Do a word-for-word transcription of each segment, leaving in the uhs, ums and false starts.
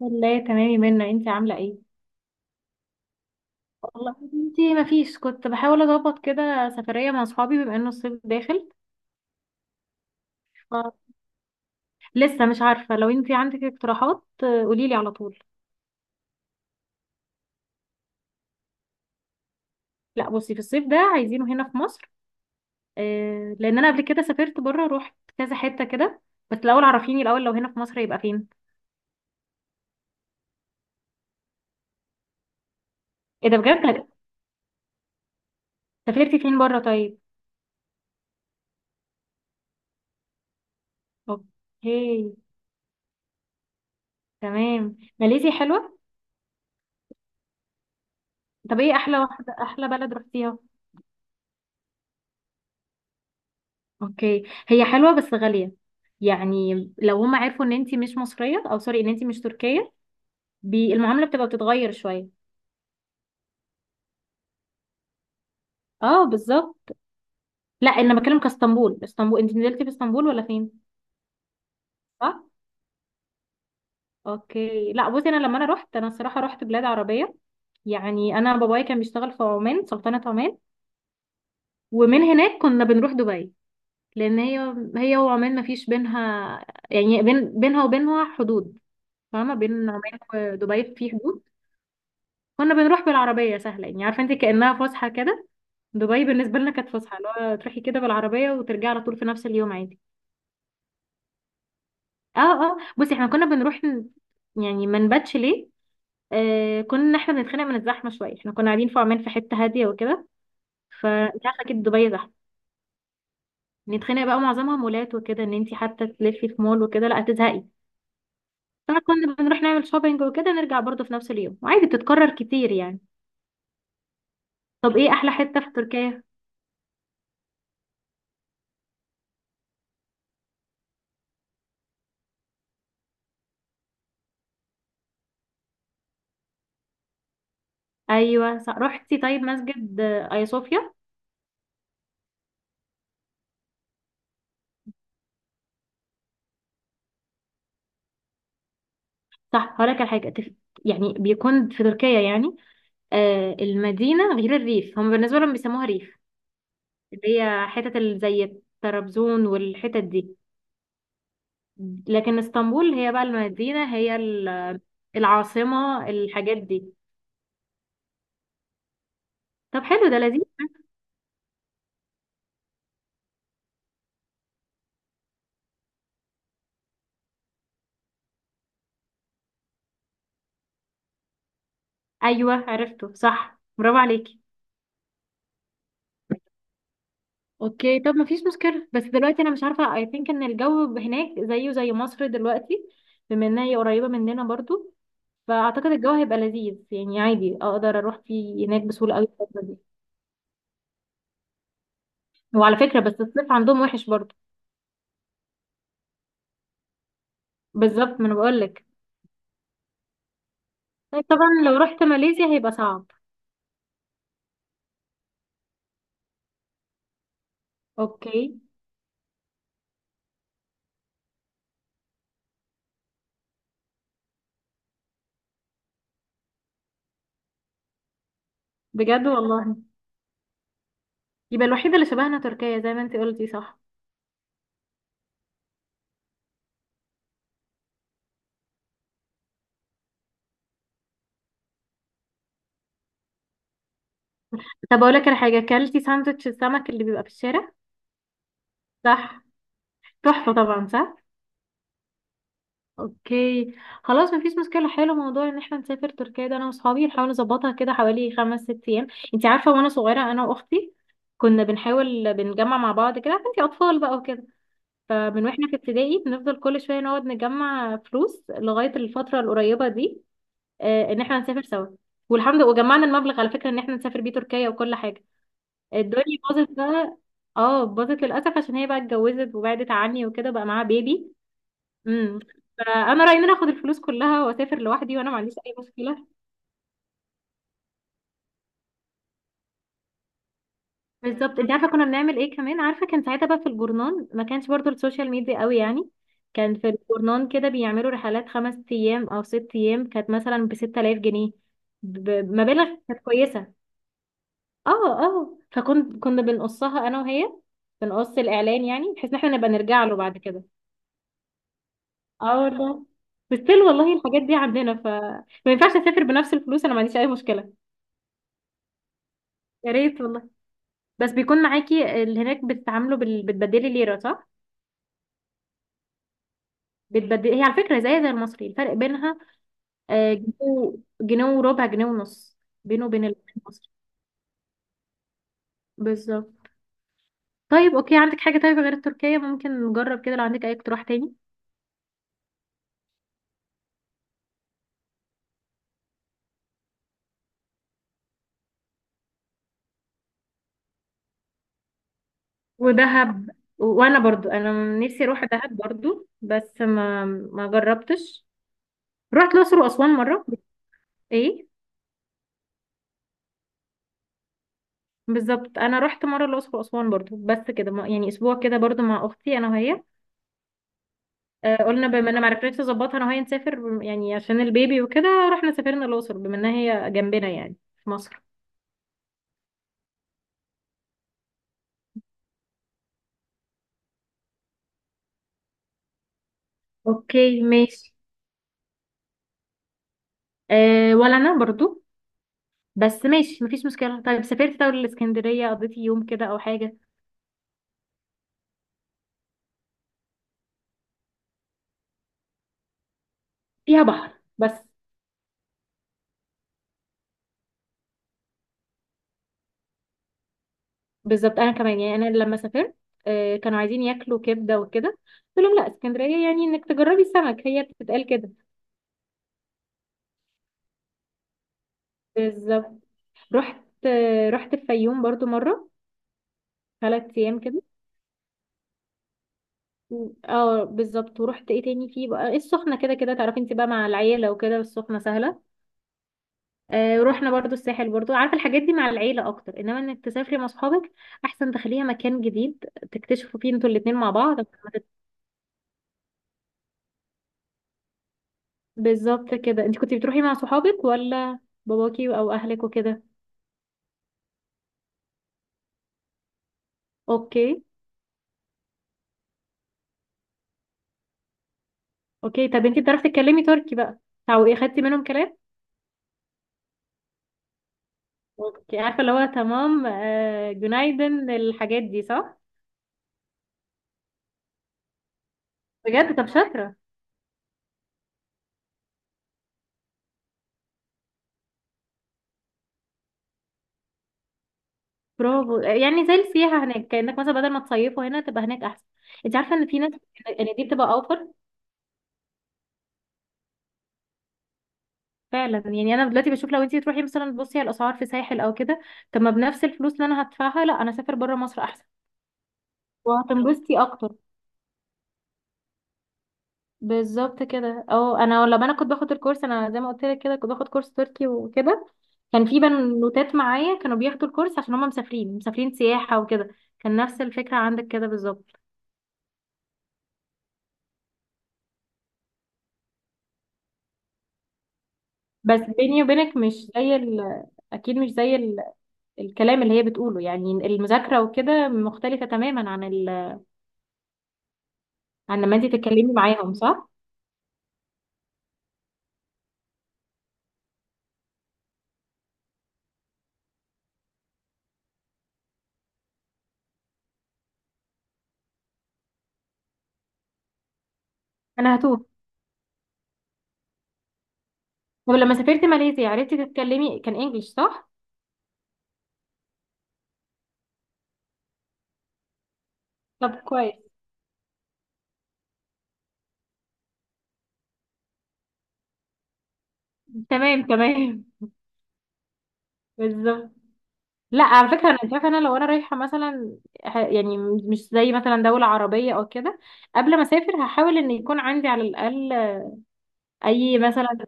والله تمام يا منى، انت عامله ايه؟ والله انت ما فيش، كنت بحاول اظبط كده سفريه مع اصحابي بما انه الصيف داخل. ف- لسه مش عارفه، لو انت عندك اقتراحات قولي لي على طول. لا، بصي في الصيف ده عايزينه هنا في مصر. آه، لان انا قبل كده سافرت بره، روحت كذا حته كده. بس الاول، عرفيني الاول لو هنا في مصر يبقى فين. ايه ده بجد؟ سافرتي فين بره طيب؟ اوكي. تمام، ماليزيا حلوه. طب ايه احلى واحده احلى بلد رحتيها؟ اوكي. هي حلوة بس غالية. يعني لو هم عرفوا ان انتي مش مصرية او سوري ان انتي مش تركية، بي المعاملة بتبقى بتتغير شوية. اه بالظبط. لا انا بتكلم كاسطنبول اسطنبول، انتي نزلتي في اسطنبول ولا فين؟ صح. اوكي. لا بصي، انا لما انا رحت انا الصراحة رحت بلاد عربية. يعني انا بابايا كان بيشتغل في عمان، سلطنة عمان. ومن هناك كنا بنروح دبي، لان هي هي وعمان ما فيش بينها، يعني بين بينها وبينها حدود. فاهمة؟ بين عمان ودبي في حدود. كنا بنروح بالعربية، سهلة يعني، عارفة انت كأنها فسحة كده. دبي بالنسبة لنا كانت فسحة، اللي هو تروحي كده بالعربية وترجعي على طول في نفس اليوم عادي. اه اه، بصي احنا كنا بنروح ن- يعني ما نباتش ليه. آه كنا احنا بنتخانق من الزحمة شوية، احنا كنا قاعدين في عمان في حتة هادية وكده، فانت عارفة اكيد دبي زحمة. نتخانق بقى، معظمها مولات وكده، ان انت حتى تلفي في مول وكده لا هتزهقي. فكنا بنروح نعمل شوبينج وكده، نرجع برضه في نفس اليوم، وعادي بتتكرر كتير يعني. طب ايه احلى حتة في تركيا؟ ايوه صح. رحتي طيب مسجد آه، ايا صوفيا؟ صح، هقولك على حاجة تف... يعني بيكون في تركيا يعني آه المدينة غير الريف، هم بالنسبة لهم بيسموها ريف، اللي هي حتت ال- زي طرابزون والحتت دي. لكن اسطنبول هي بقى المدينة، هي ال- العاصمة، الحاجات دي. طب حلو، ده لذيذ. أيوه عرفته، صح برافو عليكي. اوكي طب مفيش مشكلة، بس دلوقتي انا مش عارفة، I think ان الجو هناك زيه زي مصر دلوقتي، بما انها هي قريبة مننا برضو. فاعتقد الجو هيبقى لذيذ، يعني عادي اقدر اروح فيه هناك بسهوله قوي الفتره دي. وعلى فكره بس الصيف عندهم وحش برضه. بالظبط، ما انا بقول لك. طبعا لو رحت ماليزيا هيبقى صعب. اوكي. بجد والله. يبقى الوحيده اللي شبهنا تركيا زي ما انت قلتي، صح؟ طب اقول لك على حاجه، اكلتي ساندوتش السمك اللي بيبقى في الشارع؟ صح. تحفه طبعا، صح. اوكي. خلاص مفيش مشكله، حلو موضوع ان احنا نسافر تركيا ده. انا واصحابي نحاول نظبطها كده حوالي خمس ست ايام. انت عارفه، وانا صغيره انا واختي، كنا بنحاول بنجمع مع بعض كده، عارفه انت اطفال بقى وكده. فمن واحنا في ابتدائي بنفضل كل شويه نقعد نجمع فلوس لغايه الفتره القريبه دي، آه، ان احنا نسافر سوا. والحمد لله وجمعنا المبلغ على فكره ان احنا نسافر بيه تركيا وكل حاجه. الدنيا باظت بقى. اه باظت للاسف، عشان هي بقى اتجوزت وبعدت عني وكده، بقى معاها بيبي. امم. فانا رايي ان انا اخد الفلوس كلها واسافر لوحدي، وانا ما عنديش اي مشكله. بالظبط، انت عارفه كنا بنعمل ايه كمان؟ عارفه كان ساعتها بقى في الجورنان، ما كانش برضو السوشيال ميديا قوي يعني. كان في الجورنان كده بيعملوا رحلات خمس ايام او ست ايام، كانت مثلا ب ستة آلاف جنيه، بمبالغ كانت كويسه. اه اه، فكنت كنا بنقصها انا وهي، بنقص الاعلان يعني، بحيث ان احنا نبقى نرجع له بعد كده. اه والله. بس still والله الحاجات دي عندنا ف، ما ينفعش اسافر بنفس الفلوس، انا ما عنديش اي مشكله. يا ريت والله. بس بيكون معاكي اللي هناك، بتتعاملوا بال... بتبدلي ليرة صح؟ بتبدلي هي على فكرة زي زي المصري، الفرق بينها آه، جنيه، جنيه وربع، جنيه ونص، بينه وبين المصري. بالظبط. طيب اوكي، عندك حاجة طيب غير التركية ممكن نجرب كده، لو عندك اي اقتراح تاني؟ ودهب. وانا برضو انا نفسي اروح دهب برضو، بس ما ما جربتش. رحت الاقصر واسوان مرة. ايه. بالظبط انا رحت مرة الاقصر واسوان برضو، بس كده ما- يعني اسبوع كده برضو مع اختي، انا وهي. آه، قلنا بما ان معرفناش نظبطها انا وهي نسافر يعني عشان البيبي وكده، رحنا سافرنا الاقصر بما انها هي جنبنا يعني، في مصر. اوكي ماشي. أه ولا انا برضو. بس ماشي مفيش مشكله. طيب سافرت طول الاسكندريه، قضيت يوم كده او حاجه؟ فيها بحر بس. بالظبط. انا كمان يعني انا لما سافرت، أه كانوا عايزين ياكلوا كبده وكده، قلت لهم لا اسكندريه يعني انك تجربي السمك، هي بتتقال كده. بالظبط. رحت. آه، رحت الفيوم برضو مره، ثلاث ايام كده. اه بالظبط. ورحت ايه تاني؟ فيه بقى السخنه، كده كده تعرفي انت بقى مع العيله وكده، السخنه سهله. آه رحنا برضو الساحل برضو، عارفه الحاجات دي مع العيله اكتر، انما انك تسافري مع اصحابك احسن، تخليها مكان جديد تكتشفوا فيه انتوا الاتنين مع بعض، ما تت- بالظبط كده. انت كنت بتروحي مع صحابك ولا باباكي او اهلك وكده؟ اوكي. اوكي طب انت بتعرفي تتكلمي تركي بقى، او ايه خدتي منهم كلام؟ اوكي عارفه، اللي هو تمام آه جنايدن، الحاجات دي صح. بجد طب شاطره. برافو، يعني زي السياحة هناك، كأنك مثلا بدل ما تصيفوا هنا تبقى هناك أحسن. انت عارفة ان في ناس ان دي بتبقى اوفر. فعلا، يعني انا دلوقتي بشوف لو انت تروحي مثلا تبصي على الاسعار في ساحل او كده، طب ما بنفس الفلوس اللي انا هدفعها، لا انا اسافر بره مصر احسن وهتنبسطي اكتر. بالظبط كده. او انا لما انا كنت باخد الكورس، انا زي ما قلت لك كده كنت باخد كورس تركي وكده، كان في بنوتات معايا كانوا بياخدوا الكورس عشان هم مسافرين مسافرين سياحة وكده، كان نفس الفكرة عندك كده بالظبط. بس بيني وبينك مش زي ال... اكيد مش زي الكلام اللي هي بتقوله، يعني المذاكرة وكده مختلفة تماما عن ال... عن لما انت تتكلمي معاهم صح؟ انا هتوه. طب لما سافرت ماليزيا عرفتي تتكلمي كان انجلش صح؟ طب كويس. تمام تمام. بالظبط. لا على فكرة انا شايفة، انا لو انا رايحة مثلا ح- يعني مش زي مثلا دولة عربية او كده، قبل ما اسافر هحاول ان يكون عندي على الاقل اي مثلا.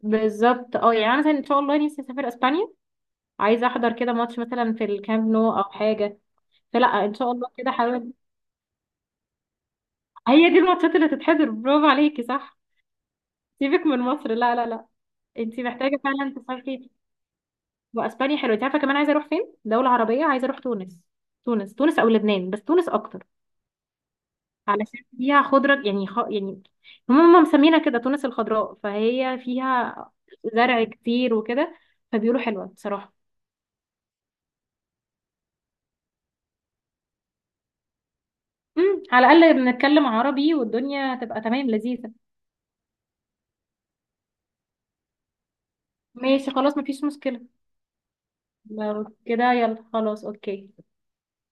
بالظبط اه، يعني انا مثلا ان شاء الله نفسي اسافر اسبانيا، عايزة احضر كده ماتش مثلا في الكامب نو او حاجة. فلا ان شاء الله كده حاول. هي دي الماتشات اللي تتحضر، برافو عليكي، صح. سيبك من مصر، لا لا لا. انت محتاجه فعلا تسافري. واسبانيا حلوه. انت عارفه كمان عايزه اروح فين؟ دوله عربيه، عايزه اروح تونس. تونس تونس او لبنان، بس تونس اكتر، علشان فيها خضره يعني خ... يعني هم مسمينها كده تونس الخضراء، فهي فيها زرع كتير وكده، فبيقولوا حلوه بصراحه. امم على الاقل بنتكلم عربي والدنيا هتبقى تمام لذيذه. ماشي خلاص مفيش مشكله. لو كده يلا خلاص، اوكي.